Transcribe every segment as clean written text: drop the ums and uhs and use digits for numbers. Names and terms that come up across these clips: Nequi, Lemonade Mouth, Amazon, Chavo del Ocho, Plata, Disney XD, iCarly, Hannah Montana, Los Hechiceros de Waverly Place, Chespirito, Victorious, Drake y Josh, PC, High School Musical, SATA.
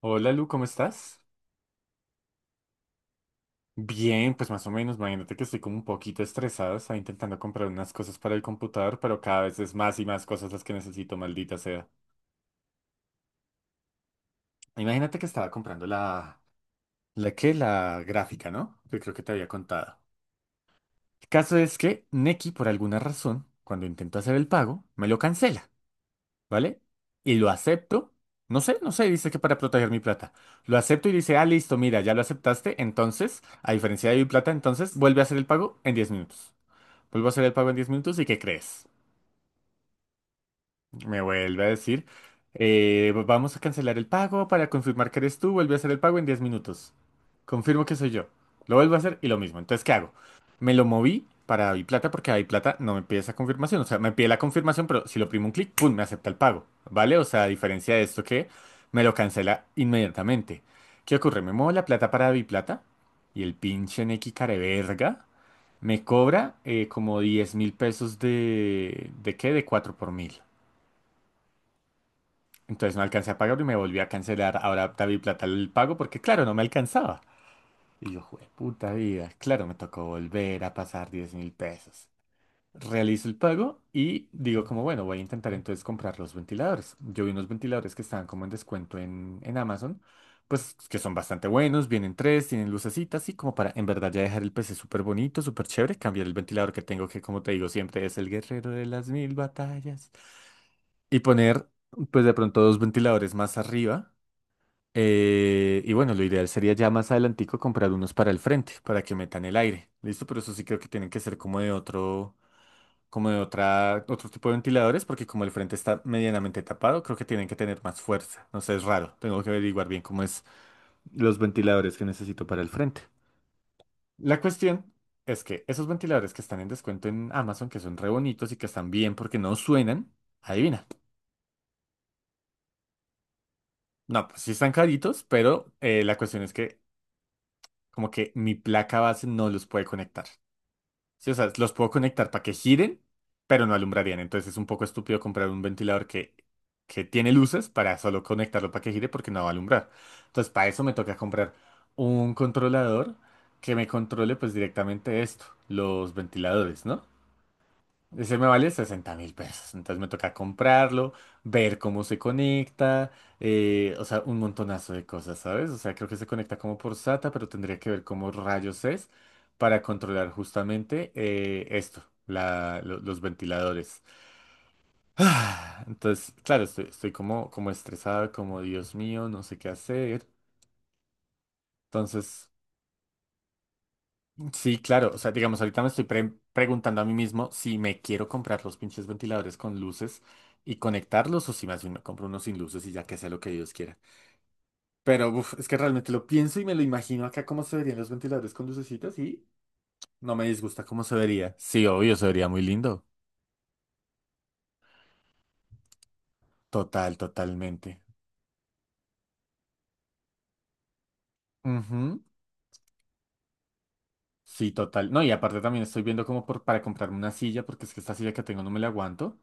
Hola Lu, ¿cómo estás? Bien, pues más o menos, imagínate que estoy como un poquito estresado, estaba intentando comprar unas cosas para el computador, pero cada vez es más y más cosas las que necesito, maldita sea. Imagínate que estaba comprando la. ¿La qué? La gráfica, ¿no? Que creo que te había contado. El caso es que Nequi, por alguna razón, cuando intento hacer el pago, me lo cancela, ¿vale? Y lo acepto. No sé, no sé, dice que para proteger mi plata. Lo acepto y dice, ah, listo, mira, ya lo aceptaste, entonces, a diferencia de mi plata, entonces, vuelve a hacer el pago en 10 minutos. Vuelvo a hacer el pago en 10 minutos, y ¿qué crees? Me vuelve a decir, vamos a cancelar el pago para confirmar que eres tú, vuelve a hacer el pago en 10 minutos. Confirmo que soy yo. Lo vuelvo a hacer y lo mismo. Entonces, ¿qué hago? Me lo moví para Plata porque Plata no me pide esa confirmación. O sea, me pide la confirmación, pero si lo oprimo un clic, ¡pum! Me acepta el pago. ¿Vale? O sea, a diferencia de esto que me lo cancela inmediatamente. ¿Qué ocurre? Me muevo la plata para Plata y el pinche Neki careverga me cobra como 10.000 pesos de. ¿De qué? De 4 por mil. Entonces no alcancé a pagarlo y me volví a cancelar ahora David Plata el pago porque, claro, no me alcanzaba. Y yo, jue puta vida, claro, me tocó volver a pasar 10.000 pesos. Realizo el pago y digo como, bueno, voy a intentar entonces comprar los ventiladores. Yo vi unos ventiladores que estaban como en descuento en Amazon, pues que son bastante buenos, vienen tres, tienen lucecitas y como para en verdad ya dejar el PC súper bonito, súper chévere, cambiar el ventilador que tengo que, como te digo, siempre es el guerrero de las mil batallas, y poner pues de pronto dos ventiladores más arriba, y bueno, lo ideal sería ya más adelantico comprar unos para el frente, para que metan el aire. ¿Listo? Pero eso sí creo que tienen que ser como de otra, otro tipo de ventiladores, porque como el frente está medianamente tapado, creo que tienen que tener más fuerza. No sé, es raro. Tengo que averiguar bien cómo es los ventiladores que necesito para el frente. La cuestión es que esos ventiladores que están en descuento en Amazon, que son re bonitos y que están bien porque no suenan, adivina. No, pues sí están caritos, pero la cuestión es que como que mi placa base no los puede conectar. Sí, o sea, los puedo conectar para que giren, pero no alumbrarían. Entonces es un poco estúpido comprar un ventilador que tiene luces para solo conectarlo para que gire porque no va a alumbrar. Entonces para eso me toca comprar un controlador que me controle pues directamente esto, los ventiladores, ¿no? Ese me vale 60.000 pesos. Entonces me toca comprarlo, ver cómo se conecta, o sea, un montonazo de cosas, ¿sabes? O sea, creo que se conecta como por SATA, pero tendría que ver cómo rayos es para controlar justamente esto, los ventiladores. Ah, entonces, claro, estoy como, estresado, como Dios mío, no sé qué hacer. Entonces, sí, claro. O sea, digamos, ahorita me estoy preguntando a mí mismo si me quiero comprar los pinches ventiladores con luces y conectarlos, o si más bien me compro unos sin luces y ya que sea lo que Dios quiera. Pero uf, es que realmente lo pienso y me lo imagino acá cómo se verían los ventiladores con lucecitas y no me disgusta cómo se vería. Sí, obvio, se vería muy lindo. Total, totalmente. Ujú. Sí, total. No, y aparte también estoy viendo como para comprarme una silla porque es que esta silla que tengo no me la aguanto.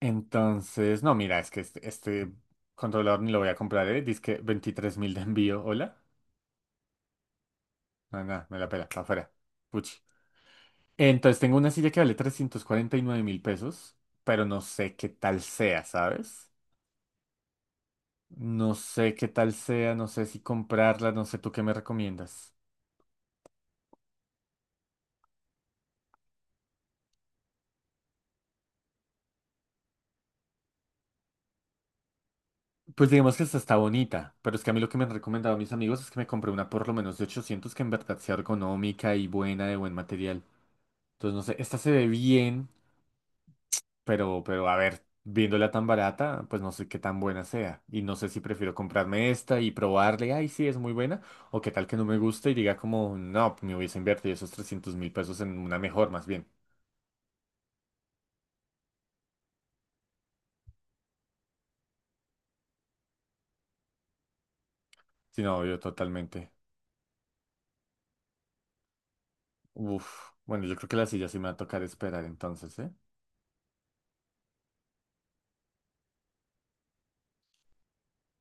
Entonces, no, mira, es que este controlador ni lo voy a comprar, ¿eh? Dice que 23 mil de envío, ¿hola? No, nada, me la pela, para afuera. Puchi. Entonces, tengo una silla que vale 349.000 pesos, pero no sé qué tal sea, ¿sabes? No sé qué tal sea, no sé si comprarla, no sé tú qué me recomiendas. Pues digamos que esta está bonita, pero es que a mí lo que me han recomendado mis amigos es que me compré una por lo menos de 800 que en verdad sea ergonómica y buena, de buen material. Entonces, no sé, esta se ve bien, pero a ver, viéndola tan barata, pues no sé qué tan buena sea. Y no sé si prefiero comprarme esta y probarle, ay, sí, es muy buena, o qué tal que no me guste y diga como, no, me hubiese invertido esos 300.000 pesos en una mejor, más bien. Si no, yo totalmente. Uf, bueno, yo creo que la silla sí me va a tocar esperar entonces, ¿eh?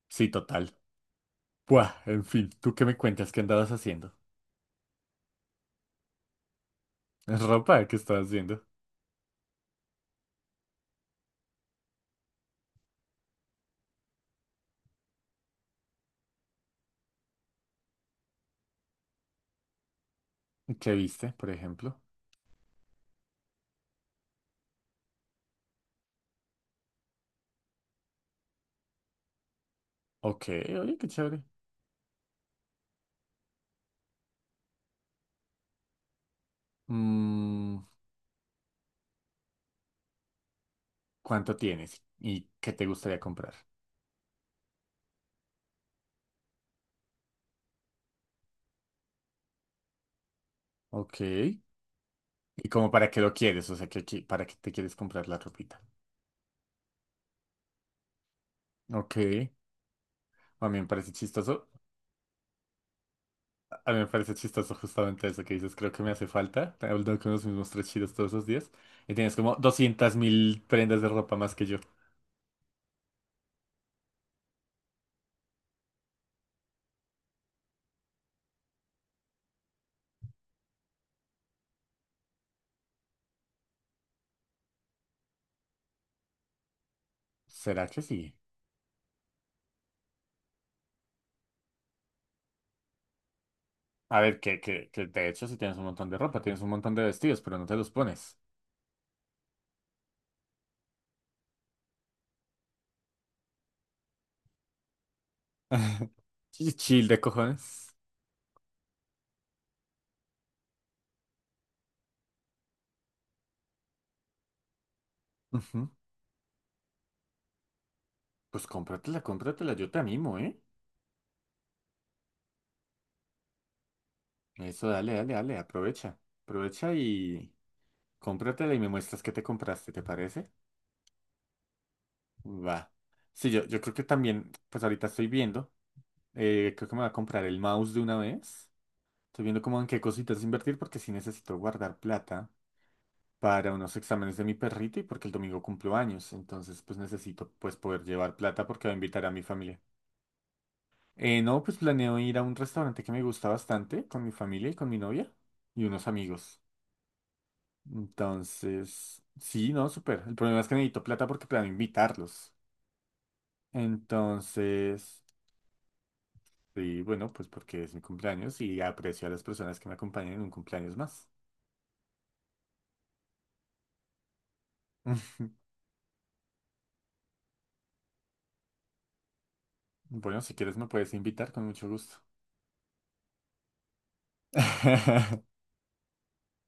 Sí, total. Buah, en fin, ¿tú qué me cuentas? ¿Qué andabas haciendo? ¿Ropa? ¿Qué estabas haciendo? ¿Qué viste, por ejemplo? Ok, oye, qué chévere. Mm, ¿cuánto tienes? ¿Y qué te gustaría comprar? Ok. ¿Y como para qué lo quieres? O sea, ¿para qué te quieres comprar la ropita? Ok. A mí me parece chistoso. A mí me parece chistoso justamente eso que dices. Creo que me hace falta. Te hablo con los mismos tres chidos todos los días. Y tienes como 200.000 prendas de ropa más que yo. ¿Será que sí? A ver, que de hecho si tienes un montón de ropa, tienes un montón de vestidos, pero no te los pones. Sí, chill de cojones. Ujú. Pues cómpratela, cómpratela, yo te animo, ¿eh? Eso, dale, dale, dale, aprovecha. Aprovecha y cómpratela y me muestras qué te compraste, ¿te parece? Va. Sí, yo creo que también, pues ahorita estoy viendo, creo que me voy a comprar el mouse de una vez. Estoy viendo como en qué cositas invertir porque sí necesito guardar plata para unos exámenes de mi perrito y porque el domingo cumplo años. Entonces, pues necesito pues poder llevar plata porque voy a invitar a mi familia. No, pues planeo ir a un restaurante que me gusta bastante con mi familia y con mi novia y unos amigos. Entonces, sí, no, súper. El problema es que necesito plata porque planeo invitarlos. Entonces, sí, bueno, pues porque es mi cumpleaños y aprecio a las personas que me acompañan en un cumpleaños más. Bueno, si quieres me puedes invitar con mucho gusto.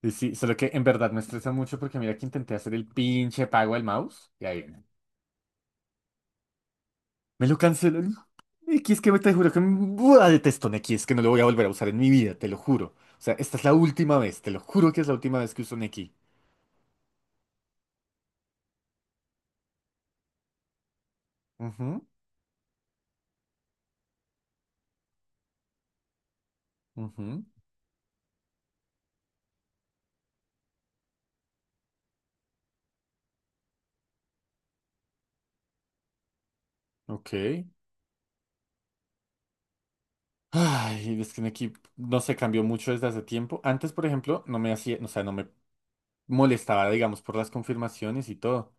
Y sí, solo que en verdad me estresa mucho porque mira que intenté hacer el pinche pago al mouse y ahí viene. Me lo cancelan. Neki, es que te juro que me buah, detesto Neki, es que no lo voy a volver a usar en mi vida, te lo juro. O sea, esta es la última vez, te lo juro que es la última vez que uso Nequi. Ujú, ujú, ok. Ay, es que en equipo no se cambió mucho desde hace tiempo. Antes, por ejemplo, no me hacía, o sea, no me molestaba, digamos, por las confirmaciones y todo.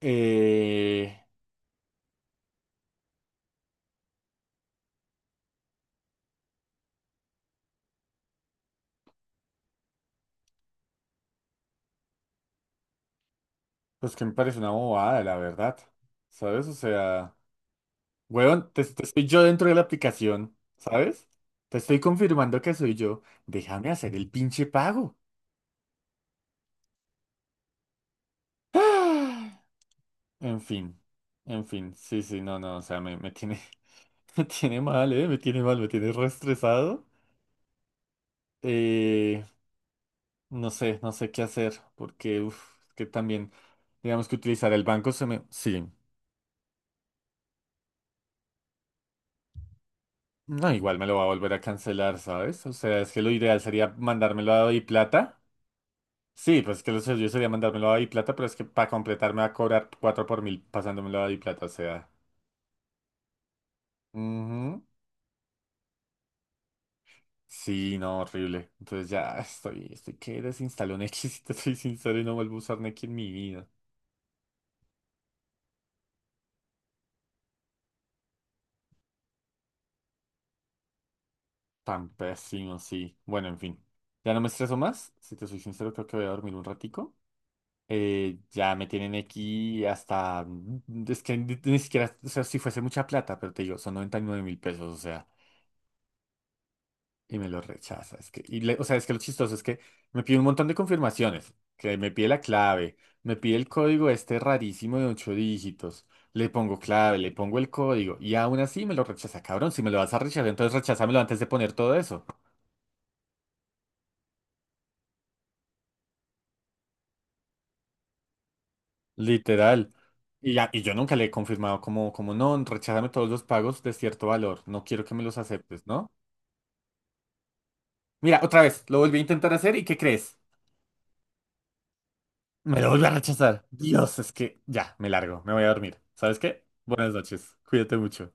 Eh, pues que me parece una bobada, la verdad. ¿Sabes? O sea, weón, te estoy yo dentro de la aplicación, ¿sabes? Te estoy confirmando que soy yo. Déjame hacer el pinche pago. Ah, en fin, en fin, sí, sí, no, no, o sea, me tiene, me tiene mal, ¿eh? Me tiene mal, me tiene reestresado. No sé, no sé qué hacer, porque uf, es que también, digamos que utilizar el banco se me. Sí, no, igual me lo va a volver a cancelar, ¿sabes? O sea, es que lo ideal sería mandármelo a Plata. Sí, pues es que lo yo sería mandármelo a Plata, pero es que para completar me va a cobrar 4 por mil pasándomelo a Plata, o sea. Ujú. Sí, no, horrible. Entonces ya estoy, estoy que desinstalo Nequi, si te soy sincero, y no vuelvo a usar Nequi en mi vida. Tan pésimo, sí. Bueno, en fin. Ya no me estreso más. Si te soy sincero, creo que voy a dormir un ratico. Ya me tienen aquí hasta, es que ni siquiera, o sea, si fuese mucha plata, pero te digo, son 99.000 pesos, o sea, y me lo rechaza. Es que, y o sea, es que lo chistoso es que me pide un montón de confirmaciones, que me pide la clave, me pide el código este rarísimo de 8 dígitos, le pongo clave, le pongo el código, y aún así me lo rechaza, cabrón, si me lo vas a rechazar, entonces recházamelo antes de poner todo eso, literal. Y, y yo nunca le he confirmado como, como no, recházame todos los pagos de cierto valor, no quiero que me los aceptes, ¿no? Mira, otra vez, lo volví a intentar hacer y ¿qué crees? Me lo volví a rechazar. Dios, es que ya, me largo, me voy a dormir. ¿Sabes qué? Buenas noches, cuídate mucho.